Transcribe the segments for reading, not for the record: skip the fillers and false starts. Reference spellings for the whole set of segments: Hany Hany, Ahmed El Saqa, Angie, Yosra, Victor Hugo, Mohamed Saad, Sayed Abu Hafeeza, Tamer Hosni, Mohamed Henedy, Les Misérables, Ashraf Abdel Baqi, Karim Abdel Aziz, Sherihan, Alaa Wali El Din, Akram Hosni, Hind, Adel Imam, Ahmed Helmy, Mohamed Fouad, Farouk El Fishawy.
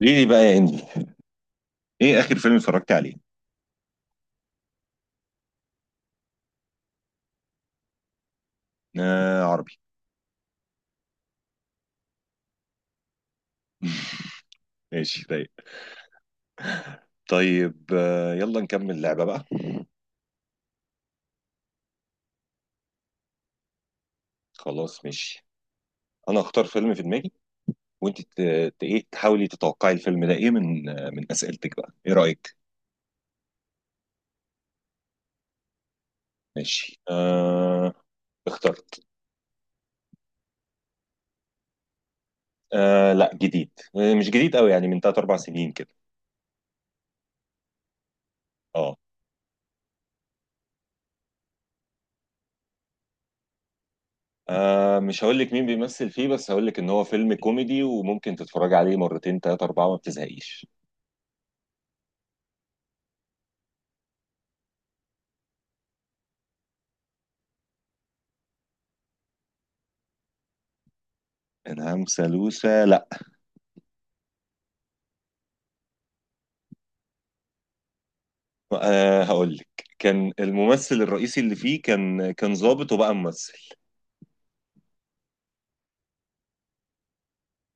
ليه بقى يا انجي؟ ايه اخر فيلم اتفرجت عليه؟ آه، عربي. ماشي، رايق. طيب، يلا نكمل لعبة بقى. خلاص، ماشي. انا اختار فيلم في دماغي، وانت ايه، تحاولي تتوقعي الفيلم ده ايه من من اسئلتك بقى. ايه رأيك؟ ماشي، آه. اخترت. آه، لا، جديد، مش جديد قوي، يعني من 3 4 سنين كده. اه. آه، مش هقول لك مين بيمثل فيه، بس هقول لك ان هو فيلم كوميدي وممكن تتفرج عليه مرتين ثلاثة أربعة ما بتزهقيش. انعام سالوسة؟ لا. أه، هقول لك. كان الممثل الرئيسي اللي فيه كان ظابط وبقى ممثل.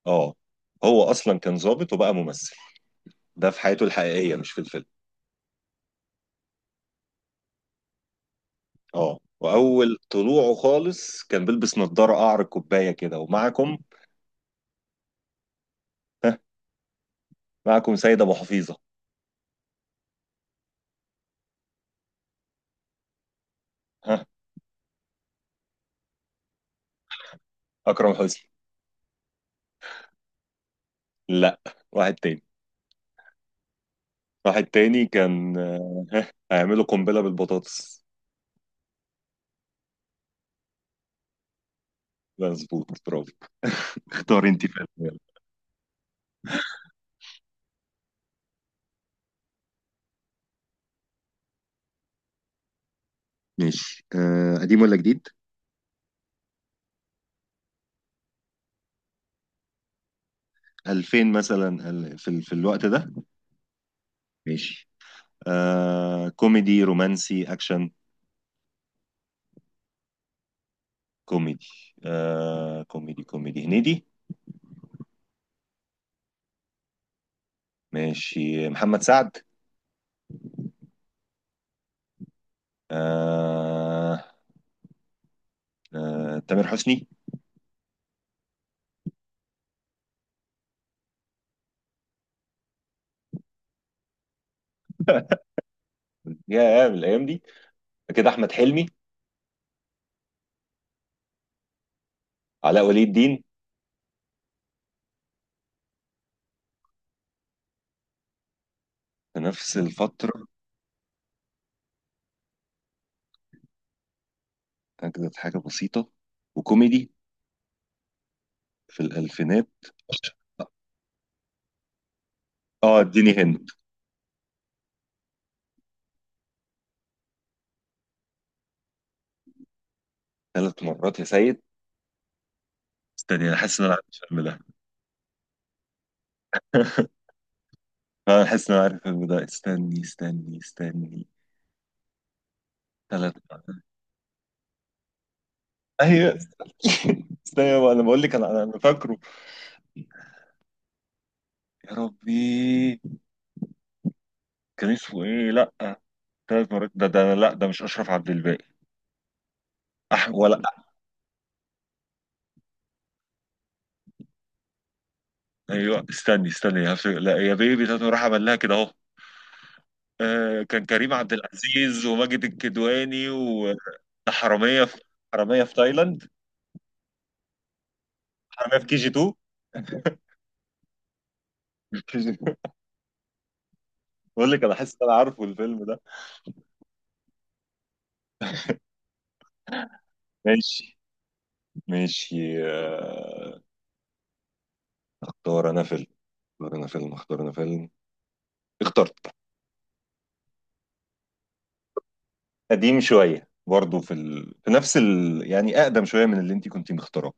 اه. هو اصلا كان ظابط وبقى ممثل. ده في حياته الحقيقيه، مش في الفيلم. اه. واول طلوعه خالص كان بيلبس نظاره قعر الكوبايه كده، ومعكم. ها. معكم سيد ابو حفيظه. ها. اكرم حسني؟ لا. واحد تاني. واحد تاني كان، هيعملوا قنبله بالبطاطس. مظبوط، برافو. اختار انت فيلم، يلا. ماشي، أه. قديم ولا جديد؟ 2000 مثلا، في في الوقت ده. ماشي، آه. كوميدي، رومانسي، أكشن؟ كوميدي. آه، كوميدي. هنيدي؟ ماشي، محمد سعد؟ آه. آه، تامر حسني؟ يا من الأيام دي. كده أحمد حلمي؟ علاء ولي الدين؟ في نفس الفترة. أجدد حاجة بسيطة وكوميدي، في الألفينات. اه، اديني هند. 3 مرات يا سيد. استني، انا حاسس ان انا عارف الفيلم ده. انا حاسس ان انا عارف الفيلم ده، استني استني استني. ثلاث. ايوه، استنى استنى بقى، انا بقول لك، انا انا أنا فاكره. يا ربي، كان اسمه ايه؟ لا، 3 مرات. ده لا، ده مش اشرف عبد الباقي. أح، ولا. ايوه، استني استني، لا، يا بيبي، 3 مرات عمل لها كده اهو. آه، كان كريم عبد العزيز وماجد الكدواني. وحراميه في حراميه في تايلاند. حراميه في كي جي 2. كي جي 2. بقول لك انا حاسس ان انا عارفه الفيلم ده. ماشي. ماشي، آه. اختار انا فيلم. اختار انا فيلم. اختار انا فيلم. اخترت. قديم شوية برضه، في في نفس يعني أقدم شوية من اللي أنت كنت مختاره.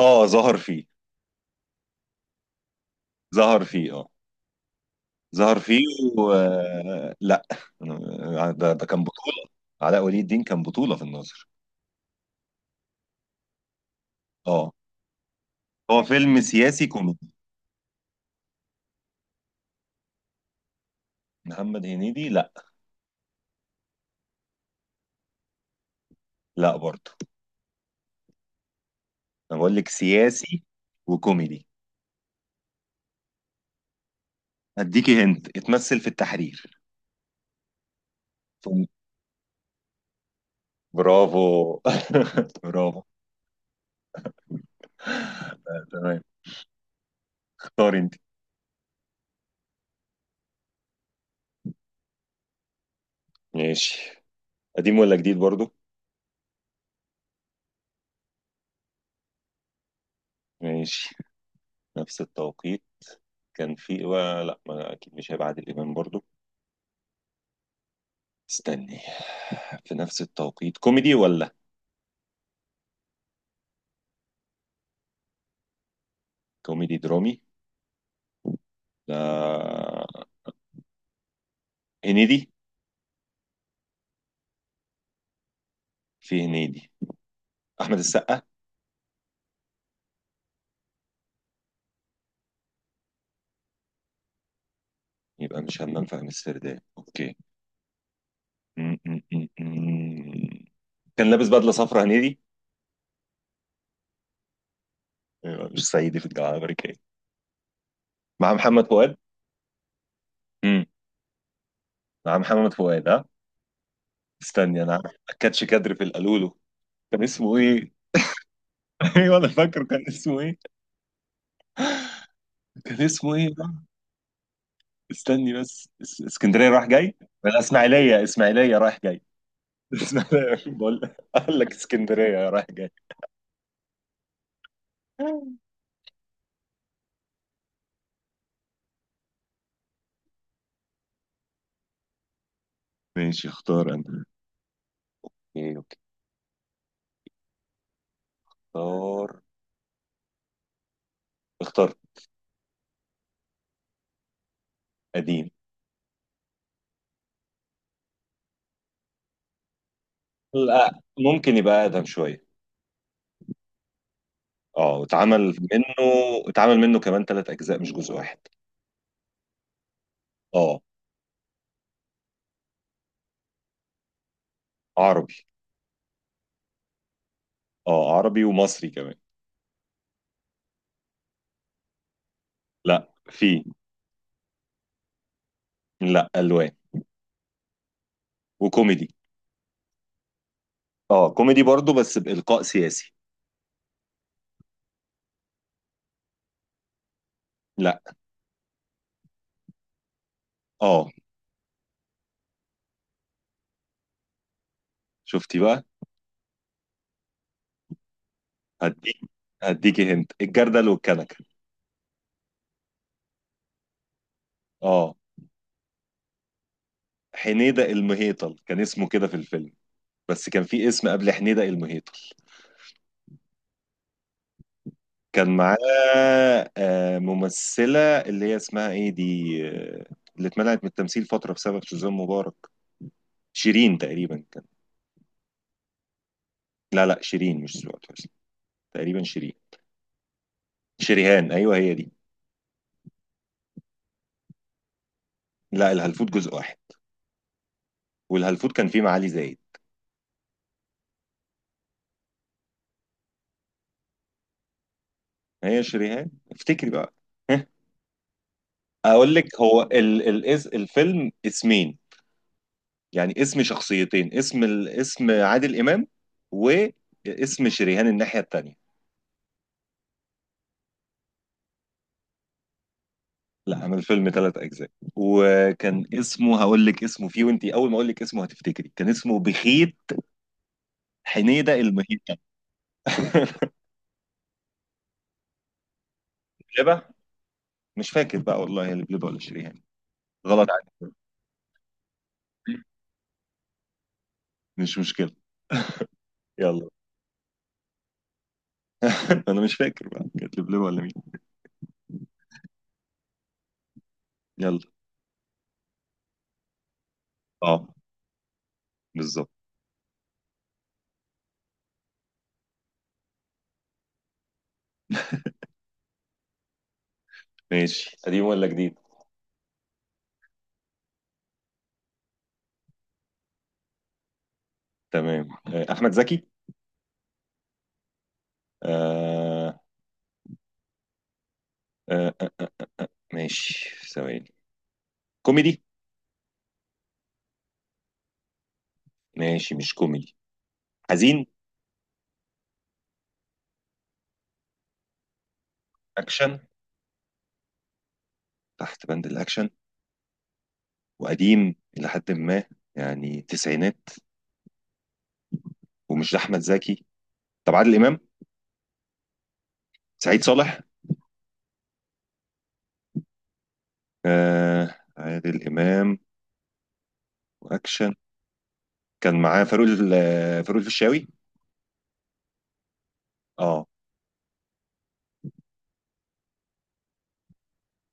اه، ظهر فيه. ظهر فيه. اه، ظهر فيه. و... آه، لا. آه، ده كان بطولة. علاء ولي الدين كان بطولة في الناظر؟ اه. هو فيلم سياسي كوميدي. محمد هنيدي؟ لا. لا برضه. انا بقول لك، سياسي وكوميدي. اديكي هنت، اتمثل في التحرير. ثم- برافو. برافو. آه، تمام. اختاري انت. ماشي. قديم ولا جديد برضه؟ ماشي، نفس التوقيت. لا، ما اكيد مش هيبقى عادل امام برضو. استني، في نفس التوقيت؟ كوميدي ولا؟ كوميدي درامي. لا، هنيدي؟ في هنيدي. احمد السقا؟ يبقى مش همام في امستردام. اوكي. م- م- م- م. كان لابس بدله صفرا هنيدي. يبقى مش صعيدي في الجامعه الامريكيه، مع محمد فؤاد. امم. مع محمد فؤاد، ها. استني، انا عارف. كاتش كادر في القالولو. كان اسمه ايه؟ ايوه، انا فاكره. كان اسمه ايه؟ كان اسمه ايه؟ استني بس، اسكندريه رايح جاي، ولا اسماعيليه؟ اسماعيليه رايح جاي. اسماعيليه، بقول. قال لك اسكندريه رايح جاي. ماشي، اختار انا. ايه، اوكي. اختار. اختار. قديم. لا، ممكن يبقى اقدم شويه. اه، اتعمل منه. اتعمل منه كمان 3 اجزاء، مش جزء واحد. اه، عربي. اه، عربي ومصري كمان. لا، في. لا، الوان. وكوميدي. اه، كوميدي برضو، بس بالقاء سياسي. لا. اه، شفتي بقى. هديك. هديكي هنت الجردل والكنكه. اه. حنيدة المهيطل كان اسمه كده في الفيلم، بس كان في اسم قبل حنيدة المهيطل. كان معاه، ممثلة، اللي هي اسمها ايه دي؟ آه، اللي اتمنعت من التمثيل فترة بسبب سوزان مبارك. شيرين تقريبا كان. لا لا، شيرين مش سعاد حسني. تقريبا شيرين. شريهان، ايوه، هي دي. لا، الهلفوت جزء واحد. والهلفوت كان فيه معالي زايد. هي شريهان، افتكري بقى. اقول لك، هو ال الفيلم اسمين. يعني اسم شخصيتين، اسم اسم عادل امام، واسم شريهان الناحيه التانيه. لا، عمل فيلم 3 اجزاء. وكان اسمه، هقول لك اسمه فيه وانتي اول ما اقول لك اسمه هتفتكري. كان اسمه بخيت حنيده المهيتة. لبه، مش فاكر بقى والله، هي لبلبه ولا شريهان. غلط عليك. مش مشكله. يلا. انا مش فاكر بقى كانت لبلبه ولا مين. يلا. اه، بالظبط. ماشي، قديم ولا جديد؟ تمام، آه، احمد زكي؟ آه. آه آه. ماشي، ثواني. كوميدي؟ ماشي، مش كوميدي. حزين؟ اكشن. تحت بند الاكشن. وقديم الى حد ما، يعني تسعينات، ومش احمد زكي. طب عادل امام؟ سعيد صالح؟ آه، عادل امام، واكشن. كان معاه فاروق الفيشاوي. اه.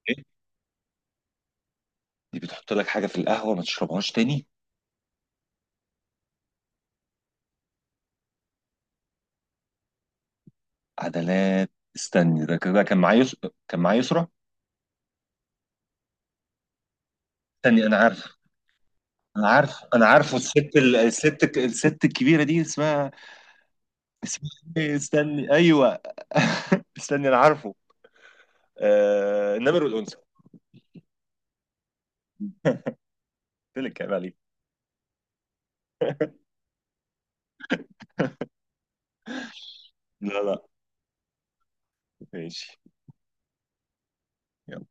إيه؟ دي بتحط لك حاجه في القهوه، ما تشربهاش تاني. عدلات. استني، ده كده كان معاه كان معاه يسرا. استني، انا عارف. انا عارفه الست الست الكبيره دي اسمها. اسمه. إيه؟ استني، ايوه. استني، انا عارفه. النمر والانثى. قلت لك كلام عليه. لا، لا. ماشي. يلا.